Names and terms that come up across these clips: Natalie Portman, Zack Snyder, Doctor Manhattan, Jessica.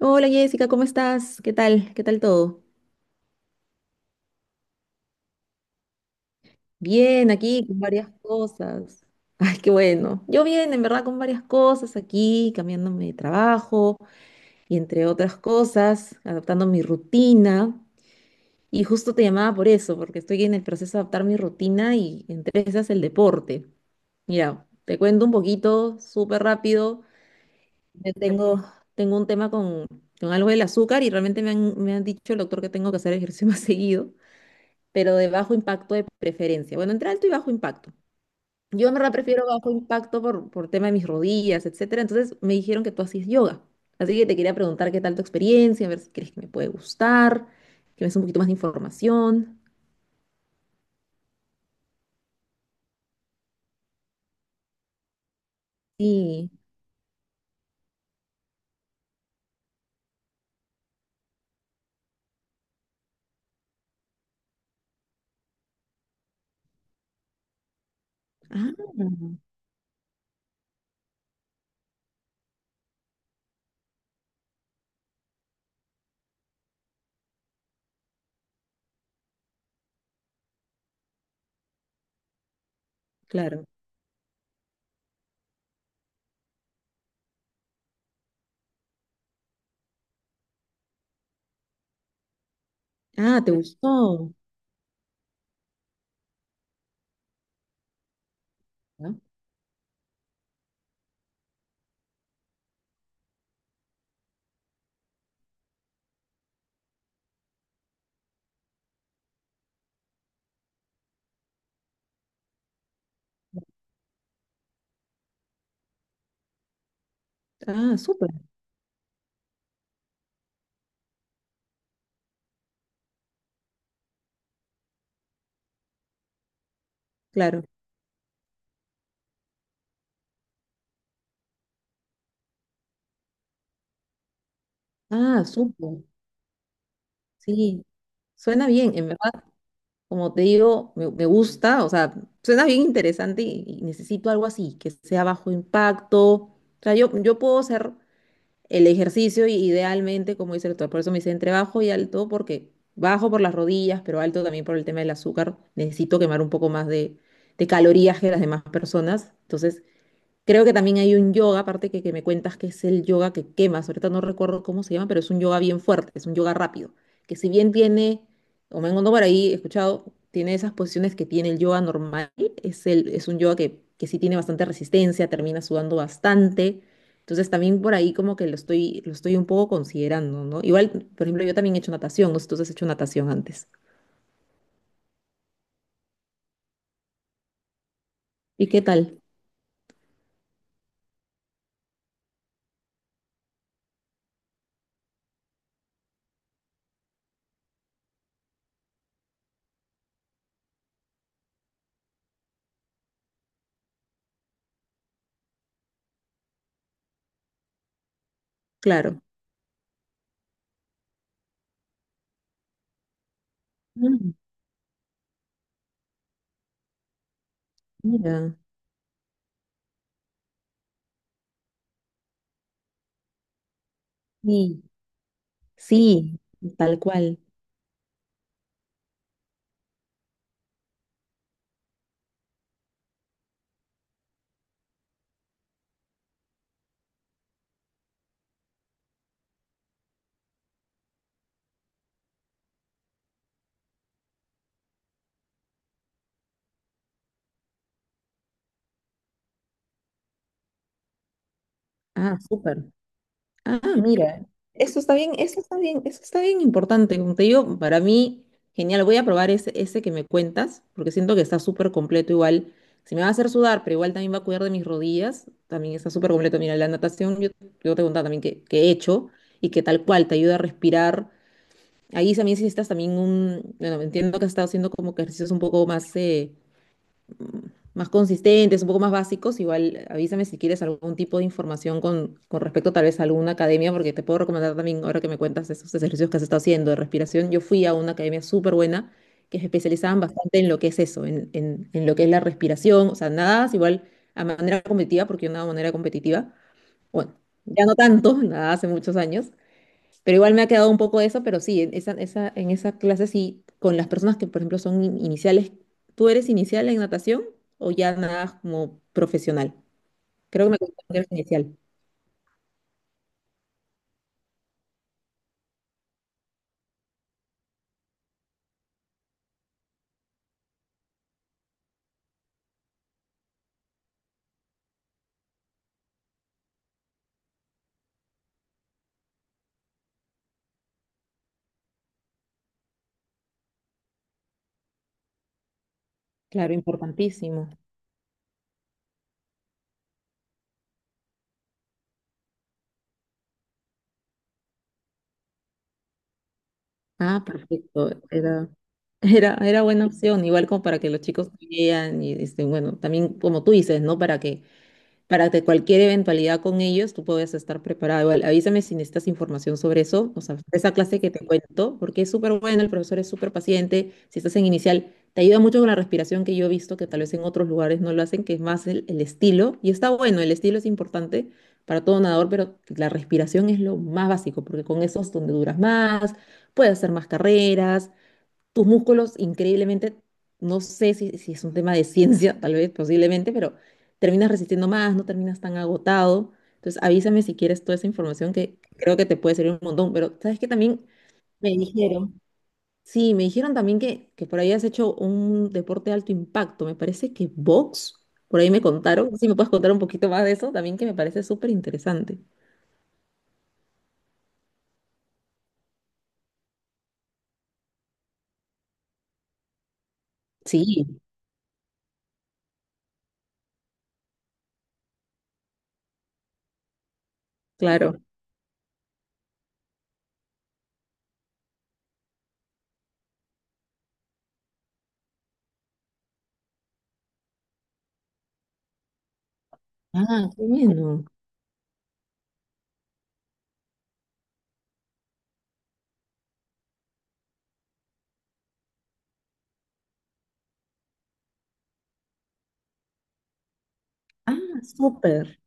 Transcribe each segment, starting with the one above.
Hola Jessica, ¿cómo estás? ¿Qué tal? ¿Qué tal todo? Bien, aquí con varias cosas. Ay, qué bueno. Yo bien, en verdad, con varias cosas aquí, cambiándome de trabajo y entre otras cosas, adaptando mi rutina. Y justo te llamaba por eso, porque estoy en el proceso de adaptar mi rutina y entre esas el deporte. Mira, te cuento un poquito, súper rápido. Yo tengo, tengo un tema con algo del azúcar y realmente me han dicho el doctor que tengo que hacer ejercicio más seguido. Pero de bajo impacto de preferencia. Bueno, entre alto y bajo impacto. Yo en verdad prefiero bajo impacto por tema de mis rodillas, etcétera. Entonces me dijeron que tú hacías yoga. Así que te quería preguntar qué tal tu experiencia, a ver si crees que me puede gustar, que me des un poquito más de información. Sí. Ah, claro. Ah, ¿te gustó? ¿No? Ah, súper. Claro. Ah, súper. Sí. Suena bien, en verdad. Como te digo, me gusta, o sea, suena bien interesante y necesito algo así, que sea bajo impacto. O sea, yo puedo hacer el ejercicio y idealmente, como dice el doctor, por eso me dice entre bajo y alto, porque bajo por las rodillas, pero alto también por el tema del azúcar. Necesito quemar un poco más de calorías que las demás personas. Entonces, creo que también hay un yoga, aparte que me cuentas que es el yoga que quemas. Ahorita no recuerdo cómo se llama, pero es un yoga bien fuerte, es un yoga rápido. Que si bien tiene, o me encontrado por ahí, he escuchado, tiene esas posiciones que tiene el yoga normal, es un yoga que sí tiene bastante resistencia, termina sudando bastante. Entonces también por ahí como que lo estoy un poco considerando, ¿no? Igual, por ejemplo, yo también he hecho natación, no sé si tú has hecho natación antes. ¿Y qué tal? Claro. Mm, mira. Sí, sí, tal cual. Ah, súper. Ah, mira, eso está bien, eso está bien, eso está bien importante. Como te digo, para mí, genial. Voy a probar ese que me cuentas, porque siento que está súper completo igual. Si me va a hacer sudar, pero igual también va a cuidar de mis rodillas, también está súper completo. Mira, la natación, yo te contaba también que he hecho y que tal cual te ayuda a respirar. Ahí también si necesitas también bueno, entiendo que has estado haciendo como ejercicios un poco más mm, más consistentes, un poco más básicos, igual avísame si quieres algún tipo de información con respecto tal vez a alguna academia, porque te puedo recomendar también, ahora que me cuentas esos ejercicios que has estado haciendo de respiración, yo fui a una academia súper buena que se especializaban bastante en lo que es eso, en lo que es la respiración, o sea, nada, igual a manera competitiva, porque yo nadaba de manera competitiva, bueno, ya no tanto, nada hace muchos años, pero igual me ha quedado un poco eso, pero sí, en esa clase sí, con las personas que, por ejemplo, son iniciales. ¿Tú eres inicial en natación o ya nadas como profesional? Creo que me contaron que eres inicial. Claro, importantísimo. Ah, perfecto. Era buena opción, igual como para que los chicos vean y, este, bueno, también como tú dices, ¿no? Para que cualquier eventualidad con ellos tú puedas estar preparado. Igual, avísame si necesitas información sobre eso, o sea, esa clase que te cuento, porque es súper buena, el profesor es súper paciente, si estás en inicial, te ayuda mucho con la respiración que yo he visto que tal vez en otros lugares no lo hacen, que es más el estilo, y está bueno, el estilo es importante para todo nadador, pero la respiración es lo más básico, porque con eso es donde duras más, puedes hacer más carreras, tus músculos increíblemente, no sé si es un tema de ciencia, tal vez posiblemente, pero terminas resistiendo más, no terminas tan agotado. Entonces avísame si quieres toda esa información que creo que te puede servir un montón, pero sabes que también me dijeron, sí, me dijeron también que por ahí has hecho un deporte de alto impacto, me parece que box, por ahí me contaron. No sé si me puedes contar un poquito más de eso, también que me parece súper interesante. Sí, claro. Ah, qué bueno. Ah, súper.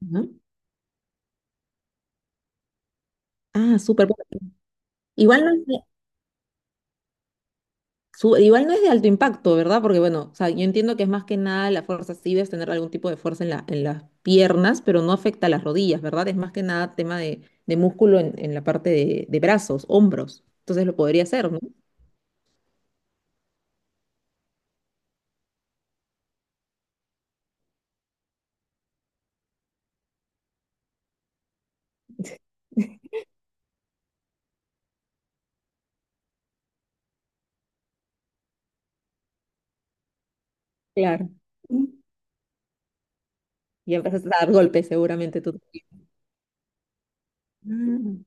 ¿No? Ah, súper. Igual no es Igual no es de alto impacto, ¿verdad? Porque bueno, o sea, yo entiendo que es más que nada la fuerza, sí debes tener algún tipo de fuerza en en las piernas, pero no afecta a las rodillas, ¿verdad? Es más que nada tema de músculo en la parte de brazos, hombros. Entonces lo podría hacer, ¿no? Claro. Y empezaste a dar golpes seguramente tú también. Mm.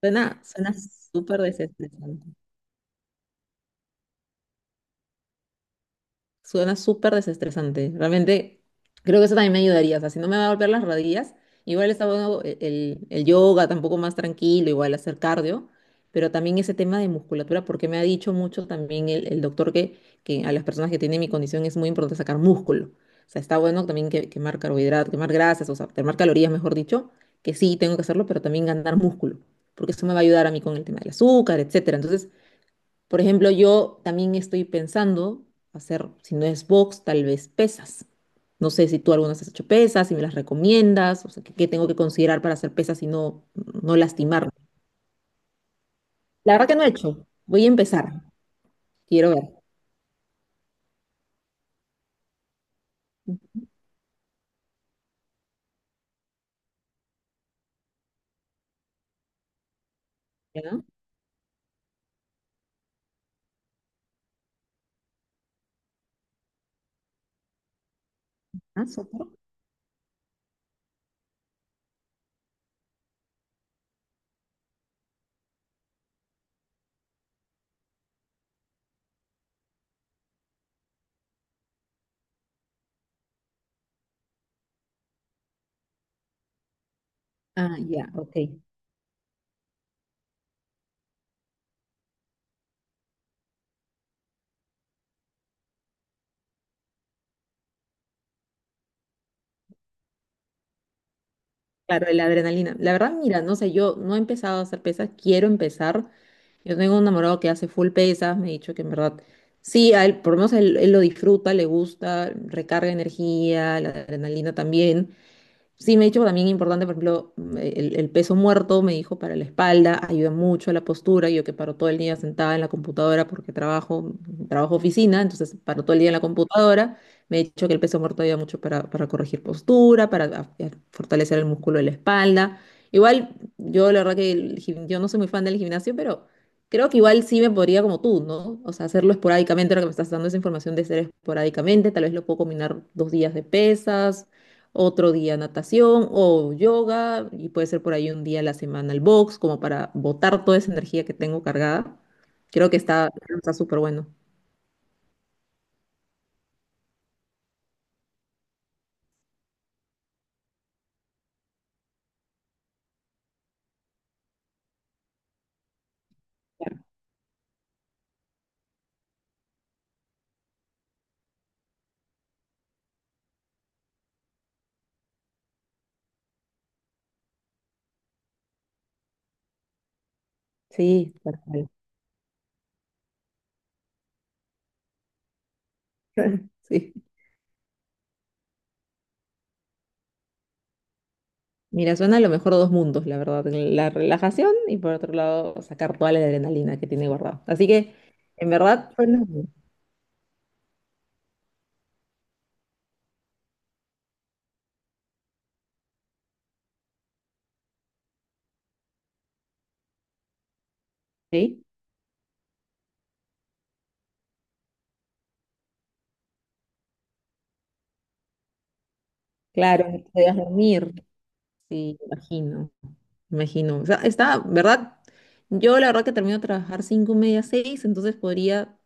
Suena súper desestresante. Suena súper desestresante. Realmente creo que eso también me ayudaría. O sea, si no me va a golpear las rodillas, igual está bueno el yoga, tampoco más tranquilo, igual hacer cardio, pero también ese tema de musculatura, porque me ha dicho mucho también el doctor que a las personas que tienen mi condición es muy importante sacar músculo. O sea, está bueno también quemar carbohidratos, quemar grasas, o sea, quemar calorías, mejor dicho, que sí tengo que hacerlo, pero también ganar músculo, porque eso me va a ayudar a mí con el tema del azúcar, etcétera. Entonces, por ejemplo, yo también estoy pensando hacer, si no es box, tal vez pesas. No sé si tú alguna vez has hecho pesas, si me las recomiendas, o sea, qué tengo que considerar para hacer pesas y no lastimarme. La verdad que no he hecho. Voy a empezar. Quiero ver. ¿Ya? Ah, súper. Ah, ya, ok. Claro, la adrenalina. La verdad, mira, no sé, yo no he empezado a hacer pesas, quiero empezar. Yo tengo un enamorado que hace full pesas, me ha dicho que en verdad, sí, a él, por lo menos él lo disfruta, le gusta, recarga energía, la adrenalina también. Sí, me ha dicho también importante, por ejemplo, el peso muerto, me dijo, para la espalda, ayuda mucho a la postura. Yo que paro todo el día sentada en la computadora porque trabajo oficina, entonces paro todo el día en la computadora. Me ha dicho que el peso muerto ayuda mucho para corregir postura, para a fortalecer el músculo de la espalda. Igual, yo la verdad que yo no soy muy fan del gimnasio, pero creo que igual sí me podría como tú, ¿no? O sea, hacerlo esporádicamente, ahora que me estás dando esa información de hacer esporádicamente, tal vez lo puedo combinar dos días de pesas, otro día natación o yoga, y puede ser por ahí un día a la semana el box, como para botar toda esa energía que tengo cargada. Creo que está súper bueno. Claro. Sí, tal cual. Sí. Mira, suena a lo mejor dos mundos, la verdad. La relajación y por otro lado sacar toda la adrenalina que tiene guardado. Así que, en verdad, suena bien, ¿sí? Claro, no te dejas dormir. Sí, imagino, imagino. O sea, está, ¿verdad? Yo la verdad que termino de trabajar 5:30, 6:00, entonces podría,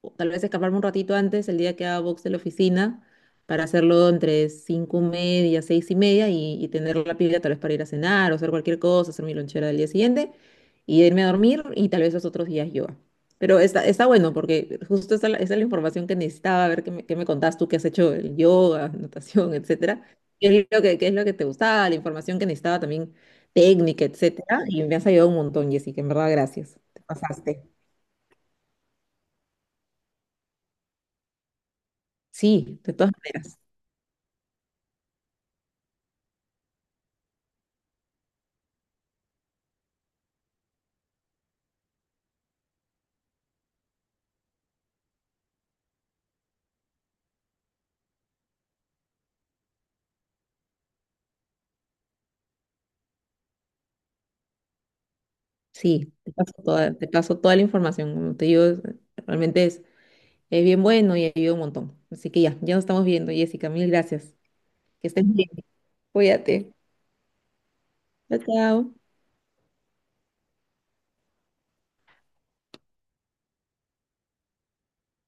o tal vez escaparme un ratito antes el día que haga box de la oficina para hacerlo entre 5:30, 6:30, y tener la pila tal vez para ir a cenar o hacer cualquier cosa, hacer mi lonchera del día siguiente y irme a dormir, y tal vez los otros días yoga. Pero está bueno porque justo esa es la información que necesitaba, a ver qué me contás tú, qué has hecho el yoga, natación, etcétera. Qué es lo qué es lo que te gustaba, la información que necesitaba también, técnica, etcétera. Y me has ayudado un montón, Jessica, en verdad, gracias. Te pasaste. Sí, de todas maneras. Sí, te paso toda la información. Como te digo, realmente es bien bueno y ayuda un montón. Así que ya, ya nos estamos viendo, Jessica. Mil gracias. Que estés bien. Cuídate. Chao, chao.